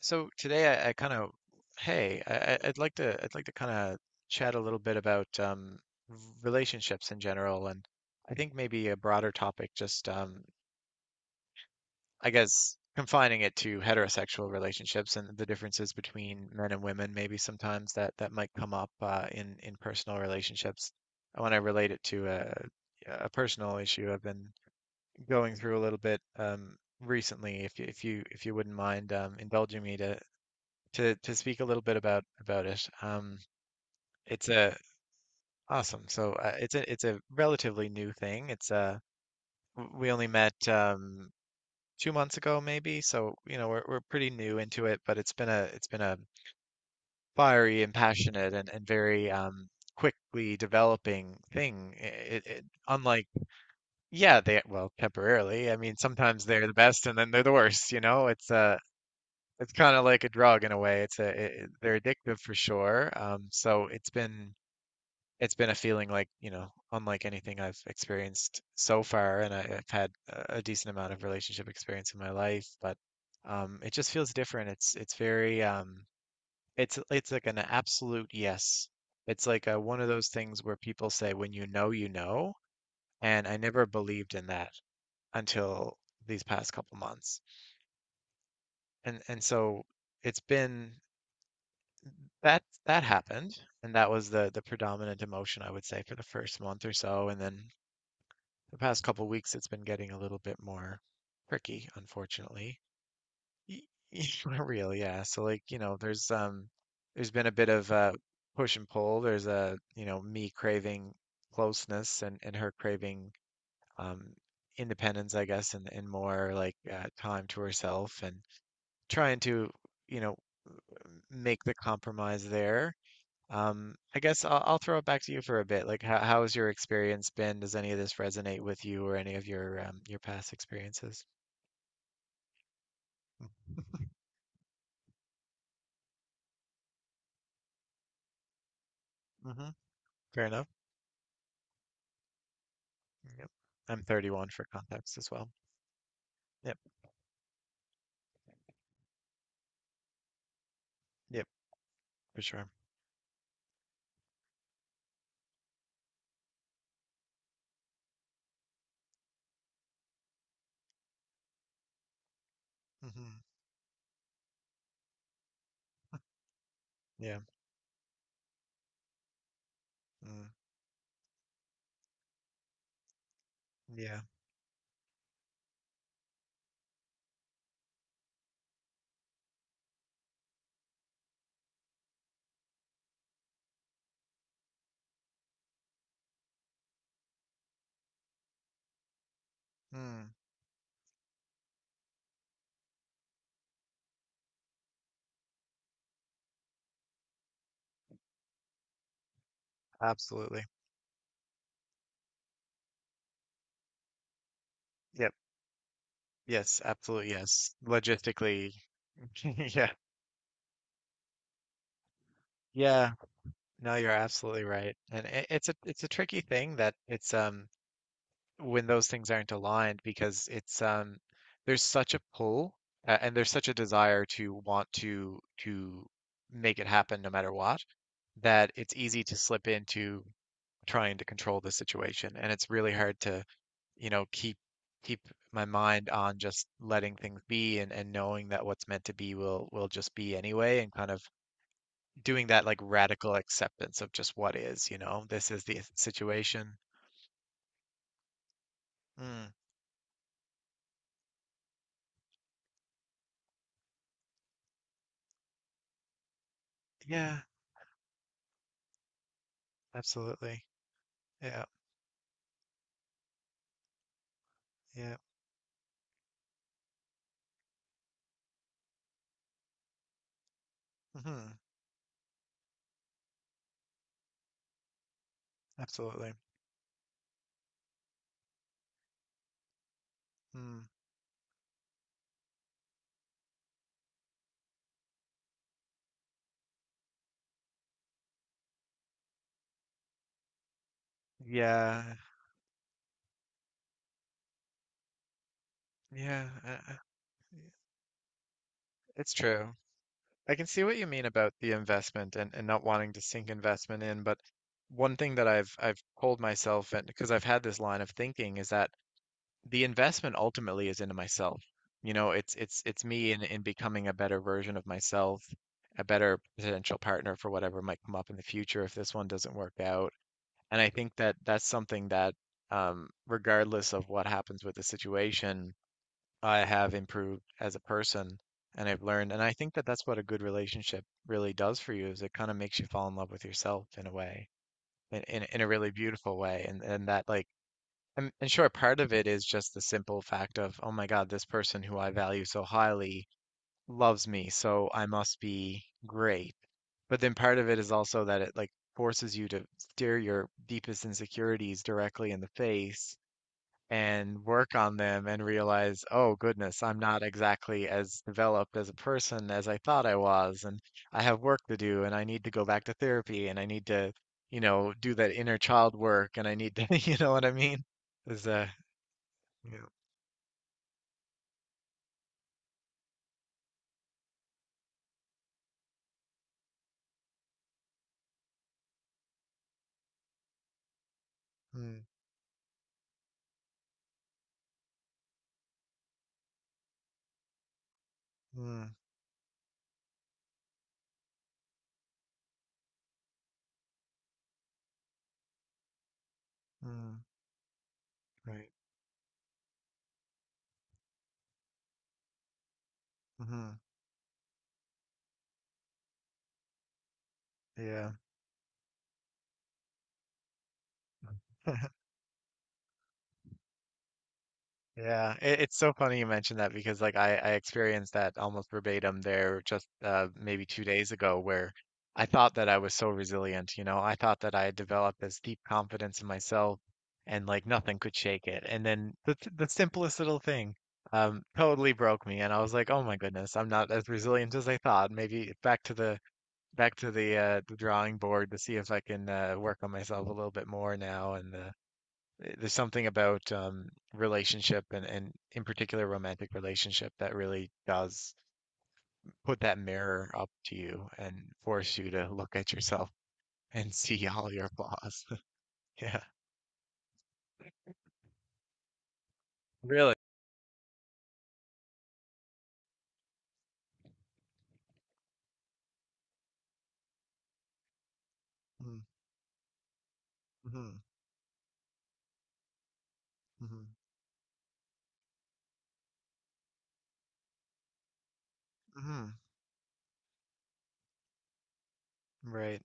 So today hey, I'd like to kind of chat a little bit about relationships in general, and I think maybe a broader topic, just I guess confining it to heterosexual relationships and the differences between men and women, maybe sometimes that might come up in personal relationships. I want to relate it to a personal issue I've been going through a little bit recently. If you wouldn't mind indulging me to speak a little bit about it. It's a Awesome. So it's a relatively new thing. We only met 2 months ago maybe, so you know we're pretty new into it, but it's been a fiery and passionate and very quickly developing thing. It, unlike Yeah, they, well, temporarily. I mean sometimes they're the best and then they're the worst. You know it's kind of like a drug in a way. It's a it, it- They're addictive for sure. So it's been a feeling like, unlike anything I've experienced so far, and I've had a decent amount of relationship experience in my life, but it just feels different. It's very, it's like an absolute yes. It's like one of those things where people say, when you know, and I never believed in that until these past couple months, and so it's been that that happened, and that was the predominant emotion I would say for the first month or so, and then the past couple weeks, it's been getting a little bit more tricky, unfortunately. Y- Not real, yeah. So, like, you know, there's been a bit of push and pull. There's a, you know, me craving closeness and her craving um independence, I guess, and more like time to herself and trying to, you know, make the compromise there. I guess I'll throw it back to you for a bit. Like, how has your experience been? Does any of this resonate with you or any of your past experiences? Mm-hmm. Fair enough. Yep. I'm 31 for context as well. Yep. Yep. For sure. Hmm. Yeah. Mm. Yeah. Mm. Absolutely. Yep. Yes. Absolutely. Yes. Logistically. Yeah. Yeah. No, you're absolutely right. And it's a tricky thing that it's when those things aren't aligned, because it's there's such a pull, and there's such a desire to want to make it happen no matter what, that it's easy to slip into trying to control the situation, and it's really hard to, you know, keep my mind on just letting things be, and knowing that what's meant to be will just be anyway, and kind of doing that, like, radical acceptance of just what is. You know, this is the situation. Mm. Yeah, absolutely. Yeah, yeah. Hmm. Absolutely. Mm. Yeah, yeah. Yeah. It's true. I can see what you mean about the investment, and not wanting to sink investment in, but one thing that I've told myself, and because I've had this line of thinking, is that the investment ultimately is into myself. You know, it's me in becoming a better version of myself, a better potential partner for whatever might come up in the future if this one doesn't work out. And I think that that's something that, regardless of what happens with the situation, I have improved as a person and I've learned. And I think that that's what a good relationship really does for you is it kind of makes you fall in love with yourself in a way, in a really beautiful way. And that like, and sure, part of it is just the simple fact of, oh my God, this person who I value so highly loves me, so I must be great. But then part of it is also that it, like, forces you to stare your deepest insecurities directly in the face and work on them and realize, oh goodness, I'm not exactly as developed as a person as I thought I was, and I have work to do, and I need to go back to therapy, and I need to, you know, do that inner child work, and I need to, you know what I mean? Is Yeah. Mm, mm, mm, right. Hmm. Yeah. Yeah, it's so funny you mentioned that because, like, I experienced that almost verbatim there just maybe 2 days ago, where I thought that I was so resilient, you know, I thought that I had developed this deep confidence in myself and, like, nothing could shake it. And then the simplest little thing totally broke me, and I was like, "Oh my goodness, I'm not as resilient as I thought. Maybe back to the the drawing board to see if I can, work on myself a little bit more now, and there's something about relationship and, in particular, romantic relationship that really does put that mirror up to you and force you to look at yourself and see all your flaws. Yeah. Really? Mm-hmm. Mm-hmm. Hmm. Right.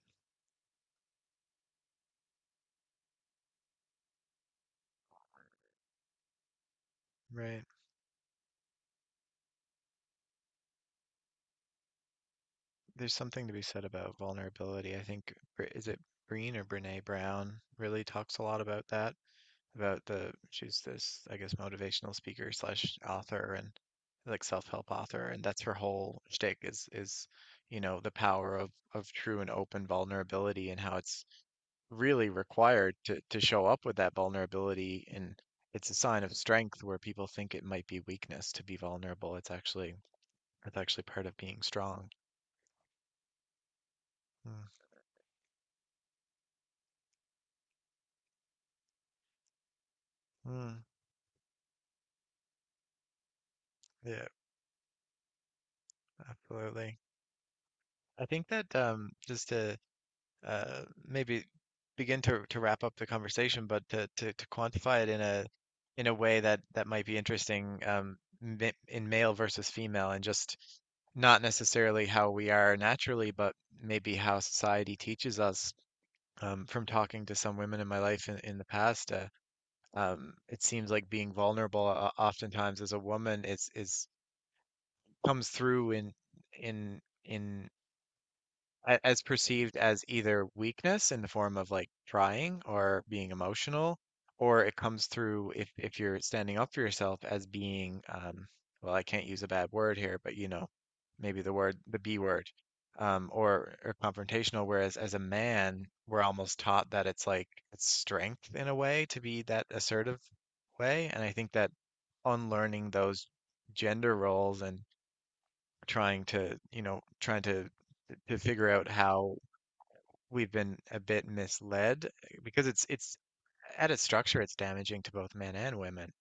Right. There's something to be said about vulnerability. I think is it Breen or Brene Brown really talks a lot about that. About the She's this, I guess, motivational speaker slash author, and, like, self-help author, and that's her whole shtick is, the power of true and open vulnerability, and how it's really required to show up with that vulnerability, and it's a sign of strength where people think it might be weakness to be vulnerable. It's actually part of being strong. Mm. Mm. Yeah, absolutely. I think that just to, maybe begin to wrap up the conversation, but to quantify it in a way that might be interesting, in male versus female, and just not necessarily how we are naturally, but maybe how society teaches us. From talking to some women in my life in the past, it seems like being vulnerable oftentimes, as a woman, is comes through in in as perceived as either weakness in the form of, like, trying or being emotional, or it comes through if you're standing up for yourself as being, well, I can't use a bad word here, but, you know, maybe the B word, or confrontational. Whereas as a man, we're almost taught that it's strength in a way to be that assertive way, and I think that unlearning those gender roles and trying to figure out how we've been a bit misled, because it's at its structure it's damaging to both men and women,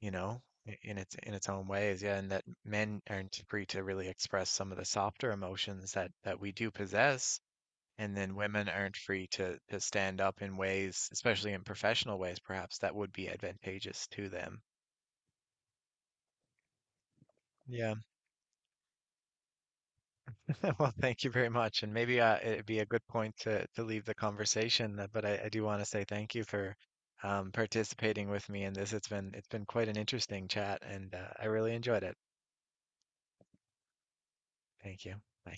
you know, in its own ways. Yeah, and that men aren't free to really express some of the softer emotions that we do possess, and then women aren't free to stand up in ways, especially in professional ways perhaps, that would be advantageous to them. Yeah. Well, thank you very much. And maybe, it'd be a good point to leave the conversation, but I do want to say thank you for participating with me in this. It's been quite an interesting chat, and I really enjoyed it. Thank you. Bye.